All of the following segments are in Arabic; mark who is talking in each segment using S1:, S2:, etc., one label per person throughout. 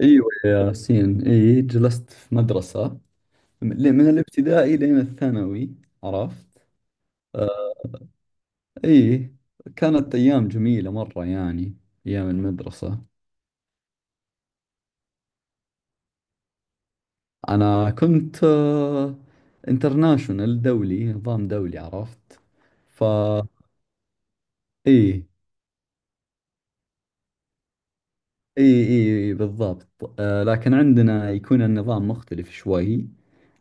S1: ايوه يا ياسين، اي، جلست في مدرسة من الابتدائي لين الثانوي. عرفت. آه، اي، كانت ايام جميلة مرة يعني، ايام المدرسة. انا كنت انترناشونال، دولي، نظام دولي. عرفت. ف اي، اي، اي بالضبط. لكن عندنا يكون النظام مختلف شوي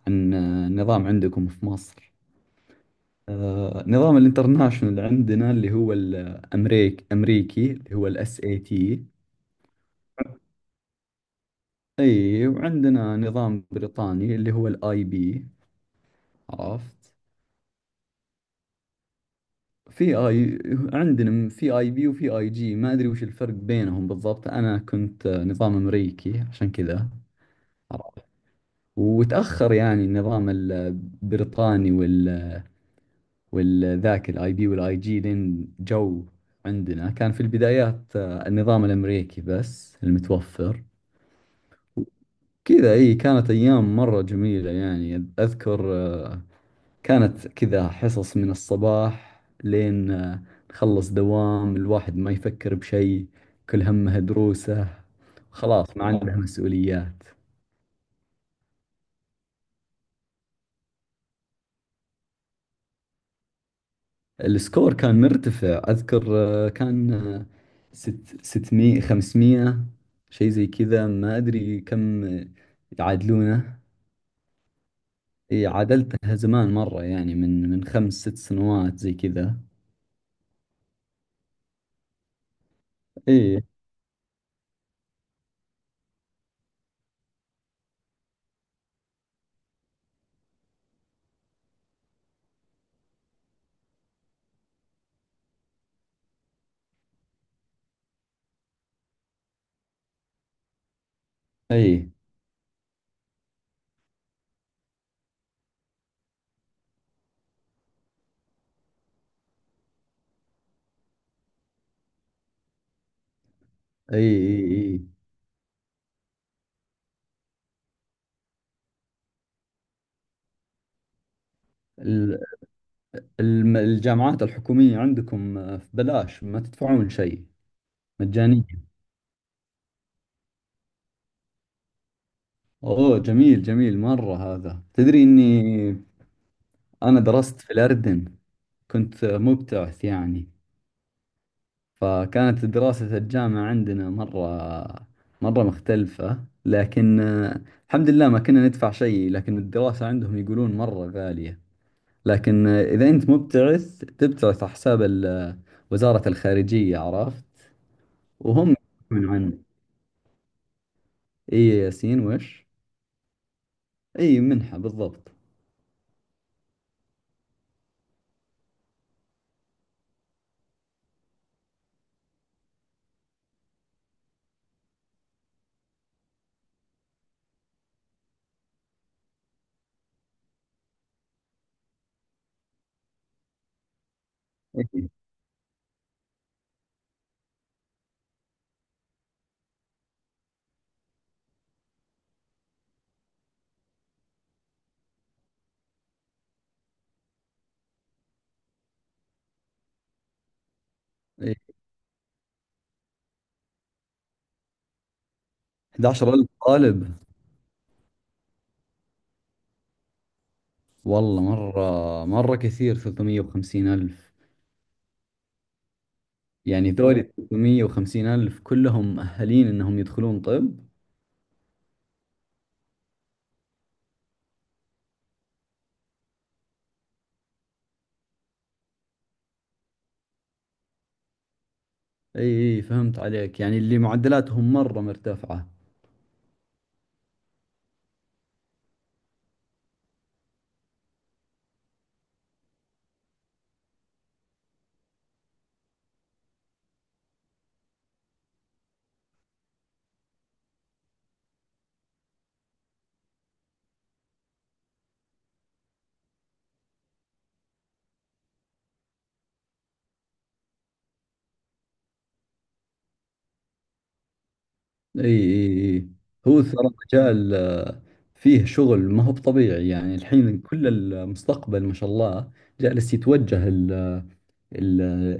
S1: عن النظام عندكم في مصر. نظام الانترناشونال اللي عندنا، اللي هو الأمريك أمريكي، اللي هو الاس اي تي. اي، وعندنا نظام بريطاني اللي هو الاي بي. عرفت. في اي، عندنا في اي بي وفي اي جي، ما ادري وش الفرق بينهم بالضبط. انا كنت نظام امريكي عشان كذا. عرفت. وتأخر يعني النظام البريطاني والذاك الاي بي والاي جي لين جو. عندنا كان في البدايات النظام الامريكي بس المتوفر. كذا. اي، كانت ايام مرة جميلة يعني. اذكر كانت كذا حصص من الصباح لين نخلص دوام. الواحد ما يفكر بشيء، كل همه دروسه. خلاص، ما عنده مسؤوليات. السكور كان مرتفع اذكر. كان ستمية، خمسمية، شيء زي كذا. ما ادري كم يعادلونه. اي، عادلتها زمان مرة يعني من خمس ست سنوات زي كذا. اي، اي، اي، اي، اي. ال- الجامعات الحكومية عندكم ببلاش؟ ما تدفعون شيء؟ مجانية؟ اوه، جميل، جميل مرة. هذا تدري اني انا درست في الاردن؟ كنت مبتعث يعني. فكانت دراسة الجامعة عندنا مرة مرة مختلفة، لكن الحمد لله ما كنا ندفع شيء. لكن الدراسة عندهم يقولون مرة غالية. لكن إذا أنت مبتعث تبتعث على حساب وزارة الخارجية. عرفت. وهم يدافعون عنه. اي ياسين، وش؟ اي، منحة بالضبط. اي، اي، 11,000 طالب؟ والله مرة، مرة كثير 350 ألف. يعني ذولي 350 ألف كلهم مؤهلين إنهم يدخلون طب؟ اي، اي، فهمت عليك، يعني اللي معدلاتهم مرة مرتفعة. اي، اي، اي. هو ترى مجال فيه شغل، ما هو بطبيعي يعني. الحين كل المستقبل ما شاء الله جالس يتوجه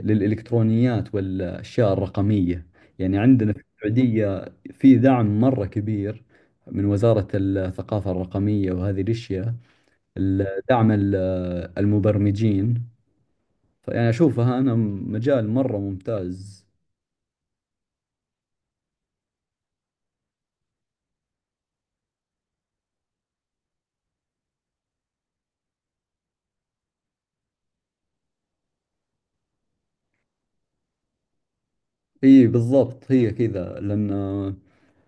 S1: للإلكترونيات والأشياء الرقمية. يعني عندنا في السعودية في دعم مرة كبير من وزارة الثقافة الرقمية وهذه الأشياء. دعم المبرمجين. فيعني أشوفها أنا مجال مرة ممتاز. إي بالضبط، هي كذا لأن،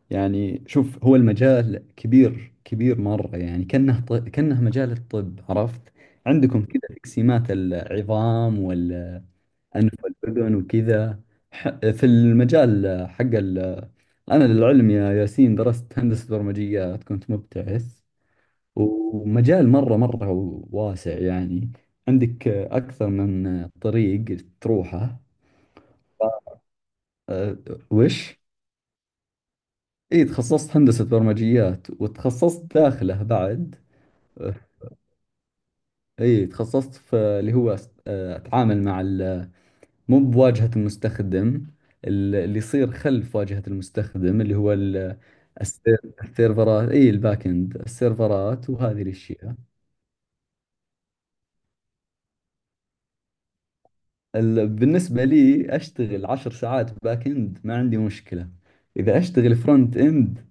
S1: يعني شوف، هو المجال كبير كبير مرة، يعني كأنه مجال الطب. عرفت. عندكم كذا تقسيمات، العظام، أنف الأذن وكذا. في المجال حق أنا للعلم يا ياسين درست هندسة برمجيات، كنت مبتعث. ومجال مرة مرة واسع يعني، عندك أكثر من طريق تروحه. أه، وش؟ اي، تخصصت هندسة برمجيات، وتخصصت داخله بعد. أه، اي، تخصصت في اللي هو اتعامل مع، مو بواجهة المستخدم، اللي يصير خلف واجهة المستخدم، اللي هو السيرفرات. اي، الباك اند، السيرفرات وهذه الاشياء. بالنسبة لي اشتغل 10 ساعات باك اند ما عندي مشكلة. اذا اشتغل فرونت اند،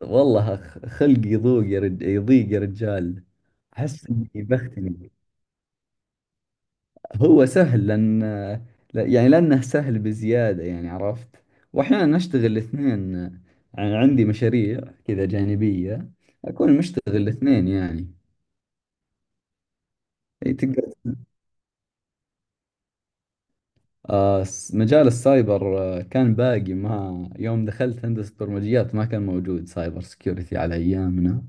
S1: والله خلقي يضيق يا رجال. احس اني بختني. هو سهل لأن، يعني لأنه سهل بزيادة يعني. عرفت. وأحيانا نشتغل الاثنين يعني، عندي مشاريع كذا جانبية، أكون مشتغل الاثنين يعني. أي، تقدر. مجال السايبر كان باقي، ما يوم دخلت هندسة برمجيات ما كان موجود سايبر سكيورتي على أيامنا.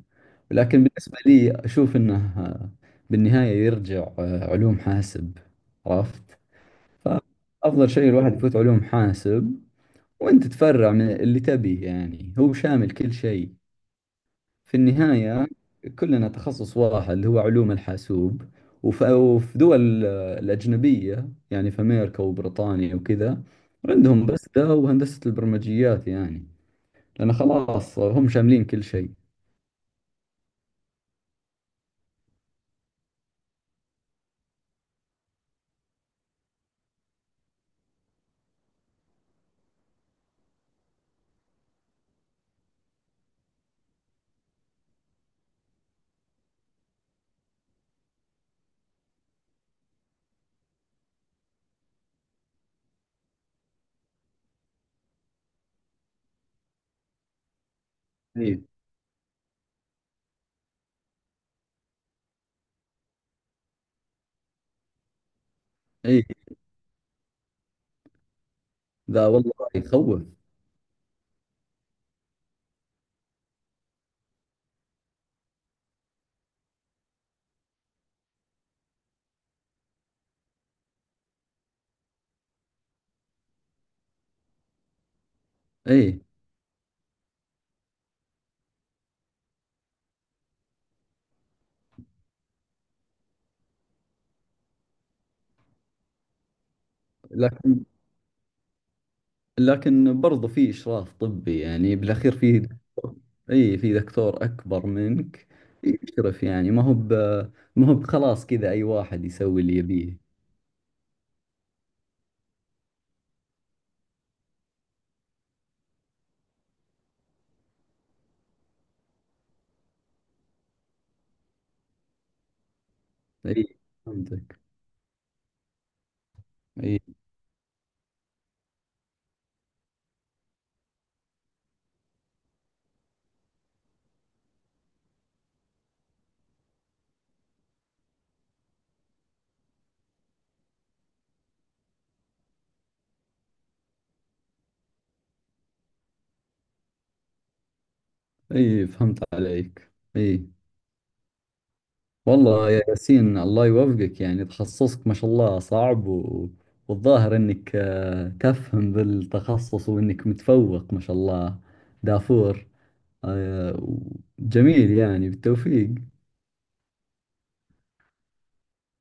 S1: لكن بالنسبة لي أشوف أنه آه، بالنهاية يرجع علوم حاسب. عرفت. فأفضل شيء الواحد يفوت علوم حاسب، وانت تفرع من اللي تبيه. يعني هو شامل كل شيء في النهاية. كلنا تخصص واحد اللي هو علوم الحاسوب. وفي دول الأجنبية، يعني في أمريكا وبريطانيا وكذا، عندهم بس ده وهندسة البرمجيات يعني، لأن خلاص هم شاملين كل شيء. إيه، إيه. ذا والله يخوف. إيه. لكن لكن برضو في إشراف طبي يعني، بالأخير في دكتور. أي، في دكتور أكبر منك يشرف. يعني ما هو ما هو بخلاص كذا أي واحد يسوي اللي يبيه. أي، فهمتك. أي، أي، فهمت عليك. أي. والله يا ياسين، الله يوفقك. يعني تخصصك ما شاء الله صعب والظاهر إنك تفهم بالتخصص وإنك متفوق ما شاء الله. دافور. آه، جميل يعني، بالتوفيق.